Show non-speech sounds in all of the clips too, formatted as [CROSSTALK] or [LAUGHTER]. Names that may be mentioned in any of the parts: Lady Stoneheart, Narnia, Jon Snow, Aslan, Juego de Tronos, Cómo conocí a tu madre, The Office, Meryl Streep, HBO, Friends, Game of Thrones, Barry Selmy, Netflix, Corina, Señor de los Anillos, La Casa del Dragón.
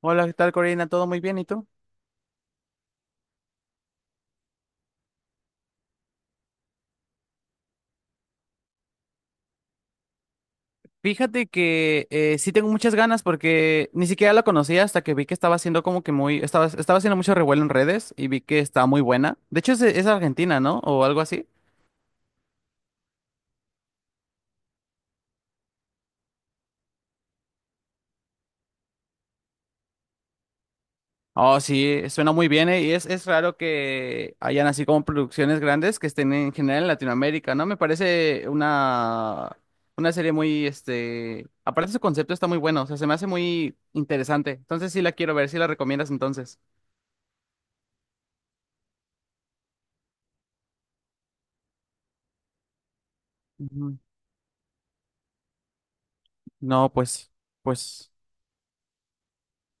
Hola, ¿qué tal, Corina? ¿Todo muy bien? ¿Y tú? Fíjate que sí tengo muchas ganas porque ni siquiera la conocía hasta que vi que estaba haciendo como que muy, estaba haciendo mucho revuelo en redes y vi que estaba muy buena. De hecho, es argentina, ¿no? O algo así. Oh, sí, suena muy bien, y es raro que hayan así como producciones grandes que estén en general en Latinoamérica, ¿no? Una serie muy, este, aparte su concepto está muy bueno, o sea, se me hace muy interesante. Entonces sí la quiero ver, sí la recomiendas entonces. No, pues,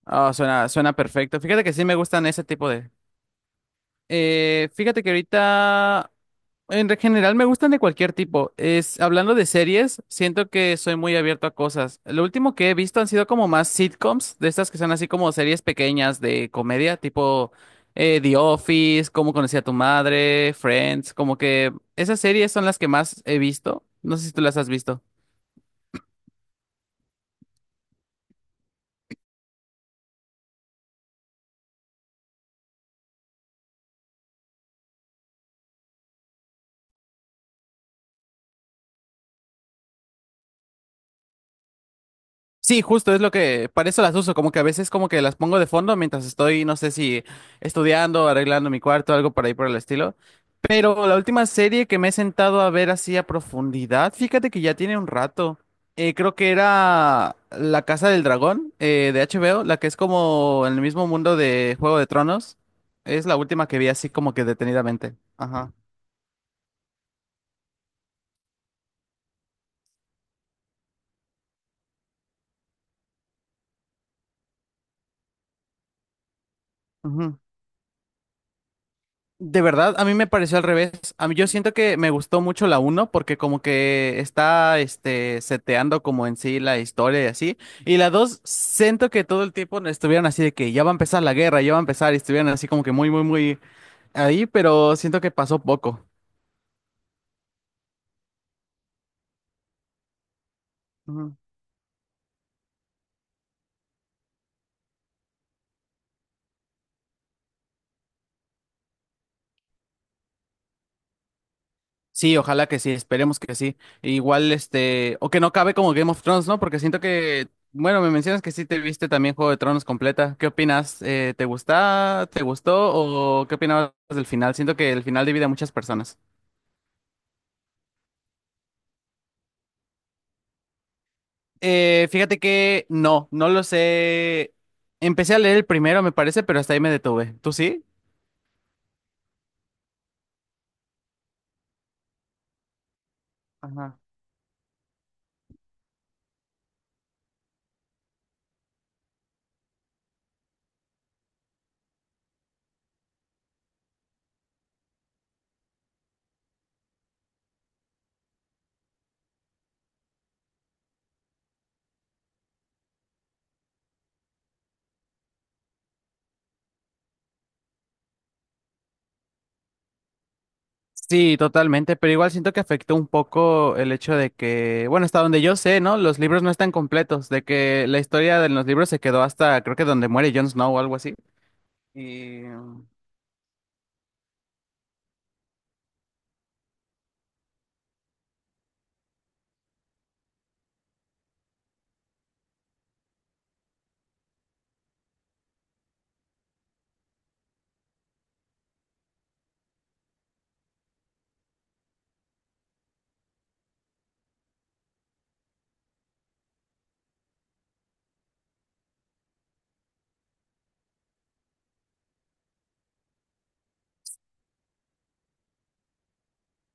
ah, suena perfecto. Fíjate que sí me gustan ese tipo de. Fíjate que ahorita, general, me gustan de cualquier tipo. Es, hablando de series, siento que soy muy abierto a cosas. Lo último que he visto han sido como más sitcoms, de estas que son así como series pequeñas de comedia, tipo The Office, Cómo conocí a tu madre, Friends, como que esas series son las que más he visto. No sé si tú las has visto. Sí, justo es lo que, para eso las uso, como que a veces como que las pongo de fondo mientras estoy, no sé si estudiando, arreglando mi cuarto, algo por ahí por el estilo. Pero la última serie que me he sentado a ver así a profundidad, fíjate que ya tiene un rato. Creo que era La Casa del Dragón de HBO, la que es como en el mismo mundo de Juego de Tronos. Es la última que vi así como que detenidamente. Ajá. De verdad, a mí me pareció al revés. A mí yo siento que me gustó mucho la uno porque como que está este seteando como en sí la historia y así. Y la 2 siento que todo el tiempo no estuvieron así de que ya va a empezar la guerra, ya va a empezar y estuvieron así como que muy muy muy ahí, pero siento que pasó poco. Sí, ojalá que sí, esperemos que sí. Igual, este, o que no cabe como Game of Thrones, ¿no? Porque siento que, bueno, me mencionas que sí te viste también Juego de Tronos completa. ¿Qué opinas? ¿Te gusta? ¿Te gustó? ¿O qué opinabas del final? Siento que el final divide a muchas personas. Fíjate que no, no lo sé. Empecé a leer el primero, me parece, pero hasta ahí me detuve. ¿Tú sí? Ajá. Sí, totalmente, pero igual siento que afectó un poco el hecho de que, bueno, hasta donde yo sé, ¿no? Los libros no están completos, de que la historia de los libros se quedó hasta, creo que donde muere Jon Snow o algo así. Y um,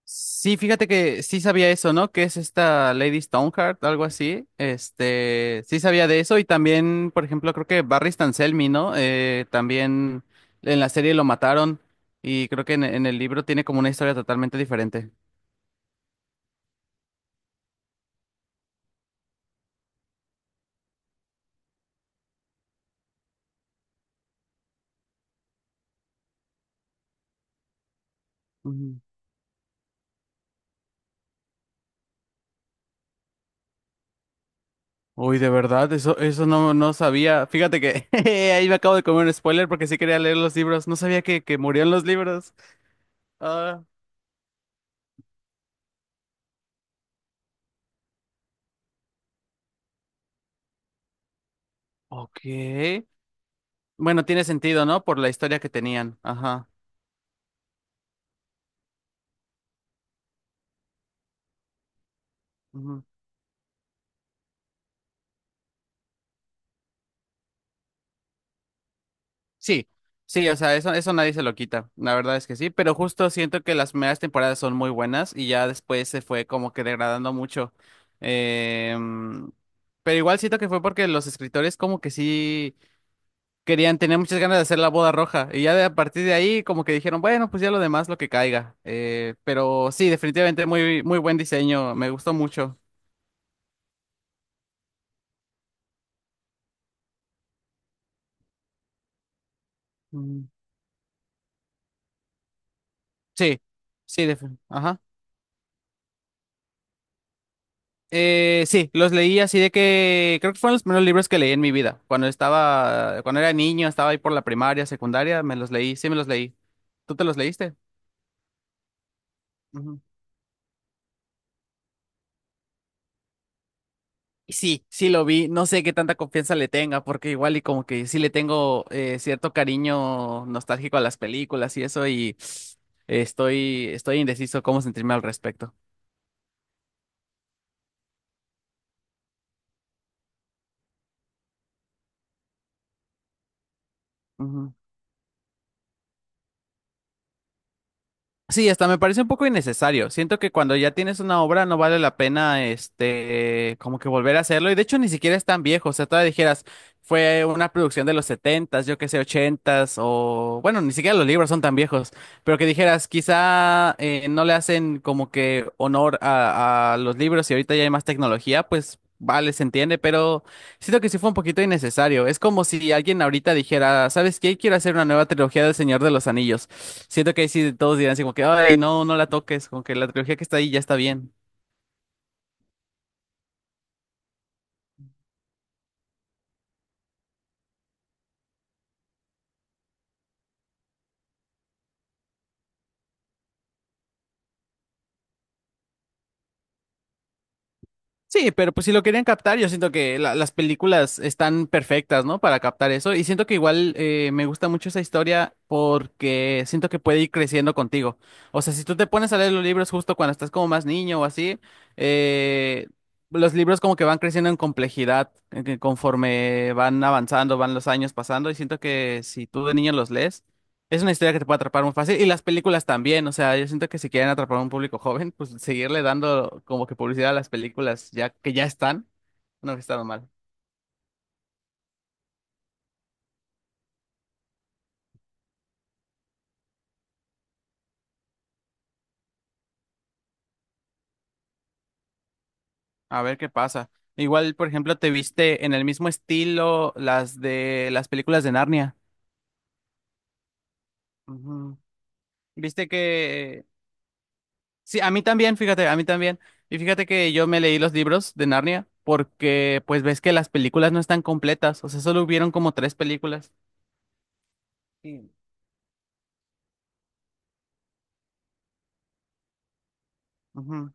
sí, fíjate que sí sabía eso, ¿no? Que es esta Lady Stoneheart, algo así. Este, sí sabía de eso y también, por ejemplo, creo que Barry Selmy, ¿no? También en la serie lo mataron y creo que en el libro tiene como una historia totalmente diferente. Uy, de verdad, eso no sabía. Fíjate que [LAUGHS] ahí me acabo de comer un spoiler porque sí quería leer los libros. No sabía que murieron los libros. Ah, ok. Bueno, tiene sentido, ¿no? Por la historia que tenían. Ajá. Ujú. Sí, sí, o sea, eso nadie se lo quita. La verdad es que sí, pero justo siento que las primeras temporadas son muy buenas y ya después se fue como que degradando mucho. Em, pero igual siento que fue porque los escritores como que sí. Querían, tenían muchas ganas de hacer la boda roja y ya de, a partir de ahí como que dijeron, bueno, pues ya lo demás lo que caiga. Pero sí, definitivamente muy, muy buen diseño, me gustó mucho. Mm, sí, ajá. Sí, los leí así de que creo que fueron los primeros libros que leí en mi vida. Cuando era niño, estaba ahí por la primaria, secundaria, me los leí, sí me los leí. ¿Tú te los leíste? Sí, sí lo vi. No sé qué tanta confianza le tenga, porque igual y como que sí le tengo cierto cariño nostálgico a las películas y eso, y estoy indeciso cómo sentirme al respecto. Sí, hasta me parece un poco innecesario. Siento que cuando ya tienes una obra no vale la pena, este, como que volver a hacerlo. Y de hecho ni siquiera es tan viejo. O sea, todavía dijeras, fue una producción de los setentas, yo qué sé, ochentas, o bueno, ni siquiera los libros son tan viejos. Pero que dijeras, quizá no le hacen como que honor a los libros y ahorita ya hay más tecnología, pues vale, se entiende. Pero siento que sí fue un poquito innecesario. Es como si alguien ahorita dijera, ¿sabes qué? Quiero hacer una nueva trilogía del Señor de los Anillos. Siento que ahí sí todos dirán así como que, ay, no la toques, como que la trilogía que está ahí ya está bien. Sí, pero pues si lo querían captar, yo siento que las películas están perfectas, ¿no? Para captar eso. Y siento que igual me gusta mucho esa historia porque siento que puede ir creciendo contigo. O sea, si tú te pones a leer los libros justo cuando estás como más niño o así, eh, los libros como que van creciendo en complejidad que conforme van avanzando, van los años pasando. Y siento que si tú de niño los lees, es una historia que te puede atrapar muy fácil y las películas también, o sea, yo siento que si quieren atrapar a un público joven, pues seguirle dando como que publicidad a las películas ya que ya están, no que están mal. A ver qué pasa. Igual, por ejemplo, te viste en el mismo estilo las de las películas de Narnia. Ujú. Viste que sí, a mí también, fíjate, a mí también. Y fíjate que yo me leí los libros de Narnia porque pues ves que las películas no están completas, o sea, solo hubieron como 3 películas. Sí. Ujú.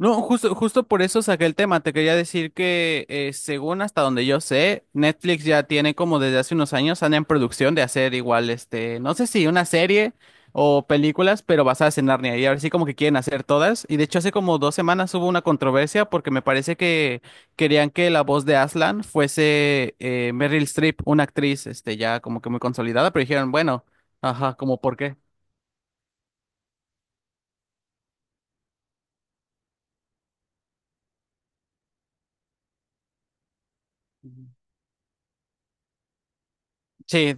No, justo por eso saqué el tema. Te quería decir que, según hasta donde yo sé, Netflix ya tiene como desde hace unos años, anda en producción de hacer igual, este, no sé si una serie o películas, pero basadas en Narnia. Y ahora sí como que quieren hacer todas. Y de hecho hace como 2 semanas hubo una controversia porque me parece que querían que la voz de Aslan fuese Meryl Streep, una actriz, este, ya como que muy consolidada, pero dijeron, bueno, ajá, como por qué. Ujú. Sí,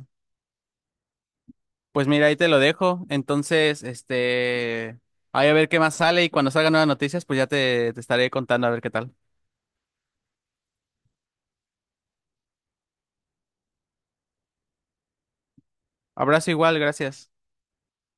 pues mira, ahí te lo dejo. Entonces, este, ahí a ver qué más sale y cuando salgan nuevas noticias, pues ya te estaré contando a ver qué tal. Abrazo igual, gracias.